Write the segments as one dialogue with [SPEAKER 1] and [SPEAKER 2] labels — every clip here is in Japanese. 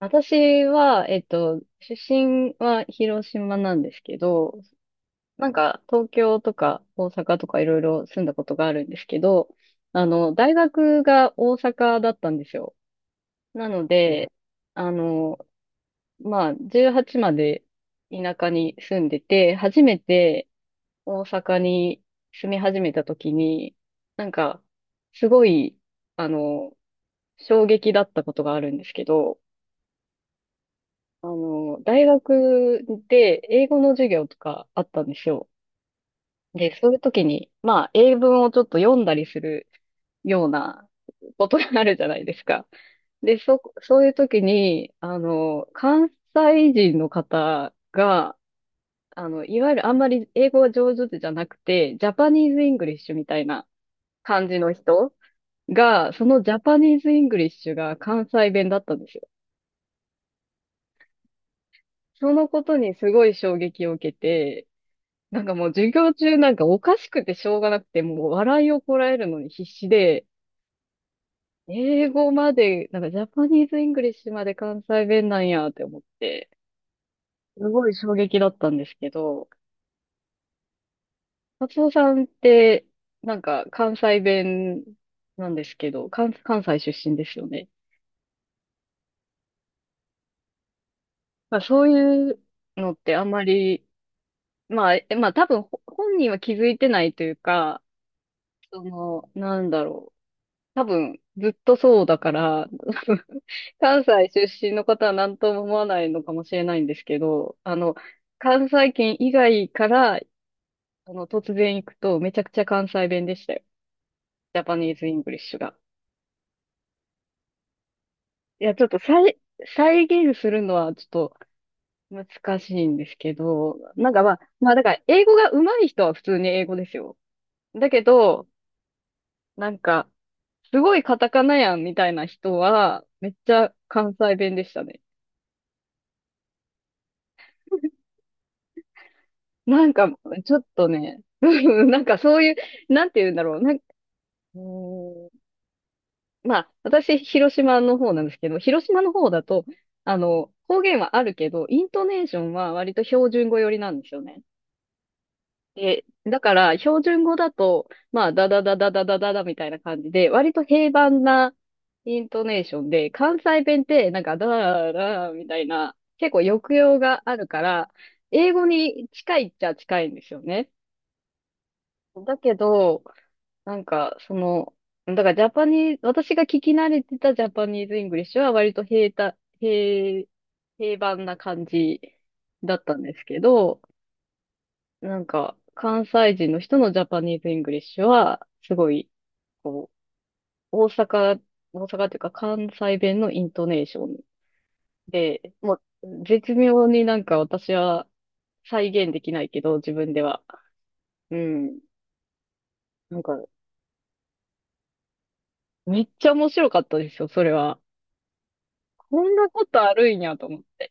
[SPEAKER 1] 私は、出身は広島なんですけど、なんか東京とか大阪とかいろいろ住んだことがあるんですけど、大学が大阪だったんですよ。なので、あの、まあ、18まで田舎に住んでて、初めて大阪に住み始めた時に、なんか、すごい、あの、衝撃だったことがあるんですけど、大学で英語の授業とかあったんですよ。で、そういう時に、まあ、英文をちょっと読んだりするようなことがあるじゃないですか。で、そういう時に、関西人の方が、いわゆるあんまり英語が上手じゃなくて、ジャパニーズ・イングリッシュみたいな感じの人が、そのジャパニーズ・イングリッシュが関西弁だったんですよ。そのことにすごい衝撃を受けて、なんかもう授業中なんかおかしくてしょうがなくて、もう笑いをこらえるのに必死で、英語まで、なんかジャパニーズ・イングリッシュまで関西弁なんやって思って、すごい衝撃だったんですけど、松尾さんって、なんか関西弁なんですけど、関西出身ですよね。まあそういうのってあんまり、まあ、まあ多分本人は気づいてないというか、その、なんだろう。多分ずっとそうだから、関西出身の方は何とも思わないのかもしれないんですけど、関西圏以外から、突然行くと、めちゃくちゃ関西弁でしたよ。ジャパニーズ・イングリッシュが。いや、ちょっと再現するのはちょっと難しいんですけど、なんかまあ、まあだから、英語が上手い人は普通に英語ですよ。だけど、なんか、すごいカタカナやんみたいな人は、めっちゃ関西弁でしたね。なんか、ちょっとね、うんなんかそういう、なんて言うんだろう。うーん、まあ、私、広島の方なんですけど、広島の方だと、方言はあるけど、イントネーションは割と標準語寄りなんですよね。で、だから、標準語だと、まあ、ダダダダダダダダみたいな感じで、割と平凡なイントネーションで、関西弁って、なんか、ダダダーみたいな、結構抑揚があるから、英語に近いっちゃ近いんですよね。だけど、なんか、だからジャパニーズ、私が聞き慣れてたジャパニーズ・イングリッシュは割と平た、平、平凡な感じだったんですけど、なんか、関西人の人のジャパニーズ・イングリッシュは、すごい、こう、大阪っていうか関西弁のイントネーションで、もう、絶妙になんか私は再現できないけど、自分では。うん。なんか、めっちゃ面白かったですよ、それは。こんなことあるんやと思って。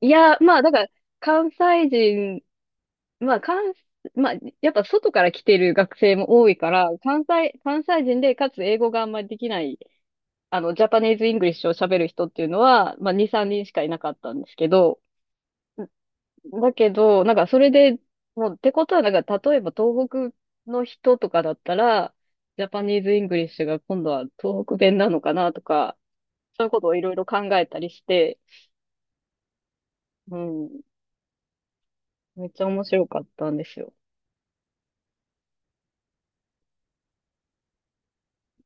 [SPEAKER 1] いや、まあ、だから、関西人、まあ、まあ、やっぱ外から来てる学生も多いから、関西人で、かつ英語があんまりできない、ジャパニーズ・イングリッシュを喋る人っていうのは、まあ、2、3人しかいなかったんですけど、だけど、なんかそれで、もう、ってことは、なんか、例えば東北の人とかだったら、ジャパニーズ・イングリッシュが今度は東北弁なのかなとか、そういうことをいろいろ考えたりして、うん。めっちゃ面白かったんですよ。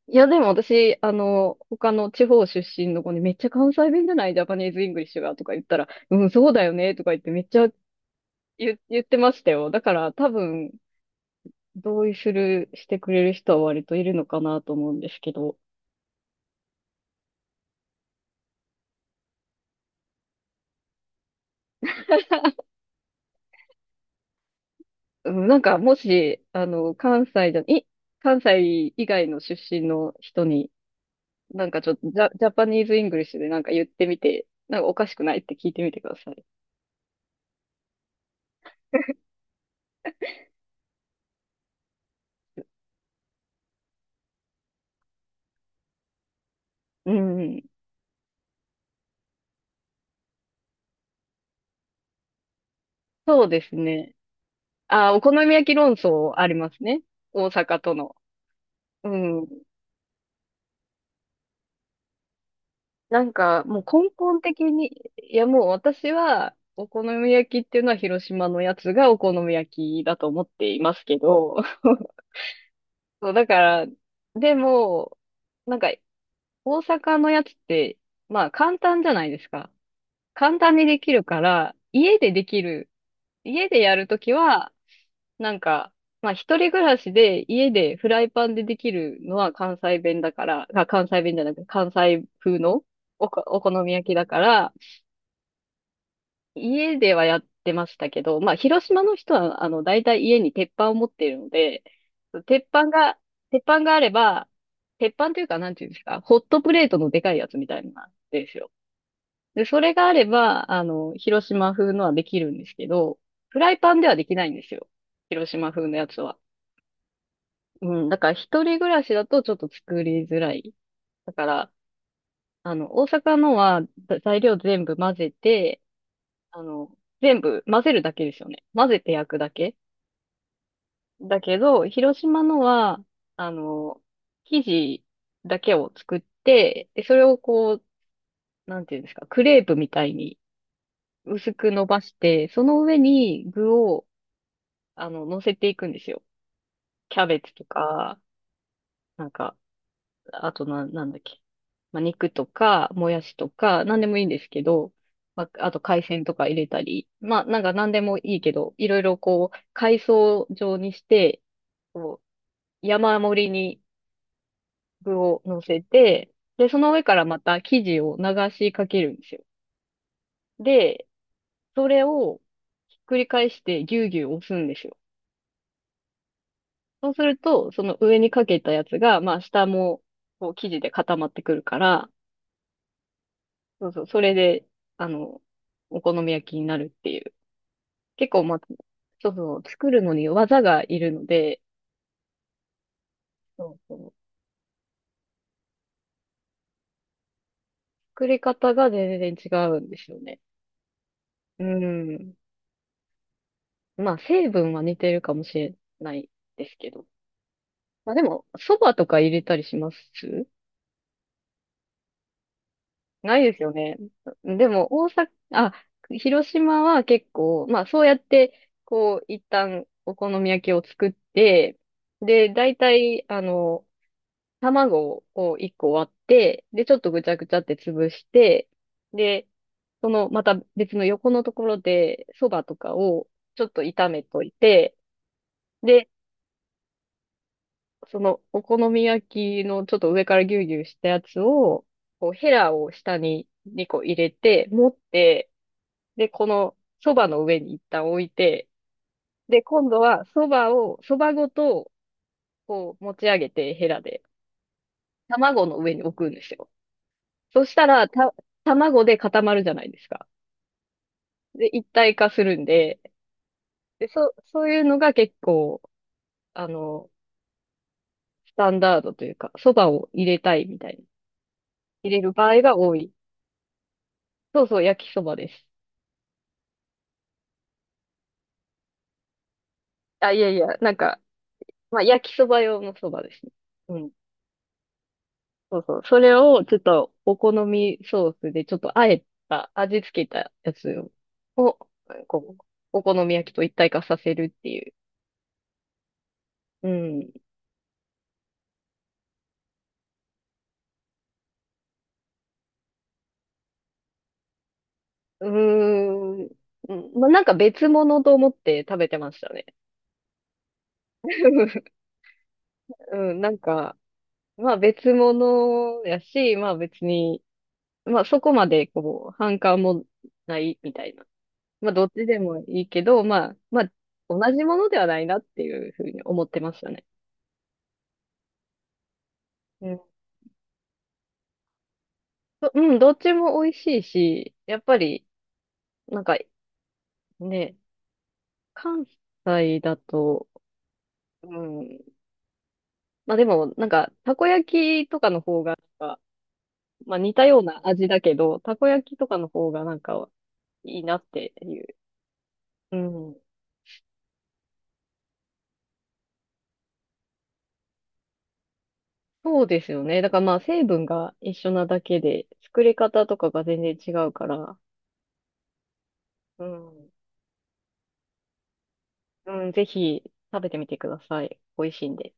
[SPEAKER 1] いや、でも私、他の地方出身の子にめっちゃ関西弁じゃないジャパニーズ・イングリッシュがとか言ったら、うん、そうだよねとか言ってめっちゃ言ってましたよ。だから多分、同意する、してくれる人は割といるのかなと思うんですけど、うん、なんかもし、関西じゃ、い、関西以外の出身の人に、なんかちょっとジャパニーズ・イングリッシュでなんか言ってみて、なんかおかしくないって聞いてみてください。うん、そうですね。あ、お好み焼き論争ありますね。大阪との。うん。なんか、もう根本的に、いやもう私は、お好み焼きっていうのは広島のやつがお好み焼きだと思っていますけど、そう、だから、でも、なんか、大阪のやつって、まあ簡単じゃないですか。簡単にできるから、家でやるときは、なんか、まあ一人暮らしで家でフライパンでできるのは関西弁だから、あ、関西弁じゃなくて関西風のお好み焼きだから、家ではやってましたけど、まあ広島の人は大体家に鉄板を持っているので、鉄板が、鉄板があれば、鉄板というかなんていうんですか、ホットプレートのでかいやつみたいなんですよ。で、それがあれば、広島風のはできるんですけど、フライパンではできないんですよ。広島風のやつは。うん、だから一人暮らしだとちょっと作りづらい。だから、大阪のは材料全部混ぜて、あの、全部混ぜるだけですよね。混ぜて焼くだけ。だけど、広島のは、あの、生地だけを作って、で、それをこう、なんていうんですか、クレープみたいに薄く伸ばして、その上に具を、乗せていくんですよ。キャベツとか、なんか、あとな、なんだっけ。まあ、肉とか、もやしとか、なんでもいいんですけど、まあ、あと海鮮とか入れたり、まあ、なんかなんでもいいけど、いろいろこう、海藻状にして、こう、山盛りに具を乗せて、で、その上からまた生地を流しかけるんですよ。で、それをひっくり返してぎゅうぎゅう押すんですよ。そうすると、その上にかけたやつが、まあ、下も、こう、生地で固まってくるから、そうそう、それで、あの、お好み焼きになるっていう。結構、まあ、そうそう、作るのに技がいるので、そうそう、作り方が全然違うんですよね。うん。まあ、成分は似てるかもしれないですけど。まあでも、蕎麦とか入れたりしますないですよね。でも、大阪、あ、広島は結構、まあそうやって、こう、一旦お好み焼きを作って、で、大体、卵を1個割って、で、ちょっとぐちゃぐちゃって潰して、で、その、また別の横のところで、そばとかをちょっと炒めといて、で、その、お好み焼きのちょっと上からギュウギュウしたやつを、こう、ヘラを下に2個入れて、持って、で、この、そばの上に一旦置いて、で、今度は、そばを、そばごと、こう、持ち上げて、ヘラで、卵の上に置くんですよ。そしたら、卵で固まるじゃないですか。で、一体化するんで、で、そういうのが結構、あの、スタンダードというか、そばを入れたいみたいな。入れる場合が多い。そうそう、焼きそばです。あ、いやいや、なんか、まあ、焼きそば用のそばですね。うん。そうそう。それを、ちょっと、お好みソースで、ちょっと、あえた、味付けたやつを、こう、お好み焼きと一体化させるっていう。うん。うーん。うんまあ、なんか別物と思って食べてましたね。うん、なんか、まあ別物やし、まあ別に、まあそこまでこう、反感もないみたいな。まあどっちでもいいけど、まあ、同じものではないなっていうふうに思ってましたね。うん、どっちも美味しいし、やっぱり、なんかね、関西だと、うん、まあでもなんか、たこ焼きとかの方がまあ似たような味だけど、たこ焼きとかの方がなんかいいなっていう。うん。そうですよね。だからまあ成分が一緒なだけで、作り方とかが全然違うから、うん。うん、ぜひ食べてみてください。美味しいんで。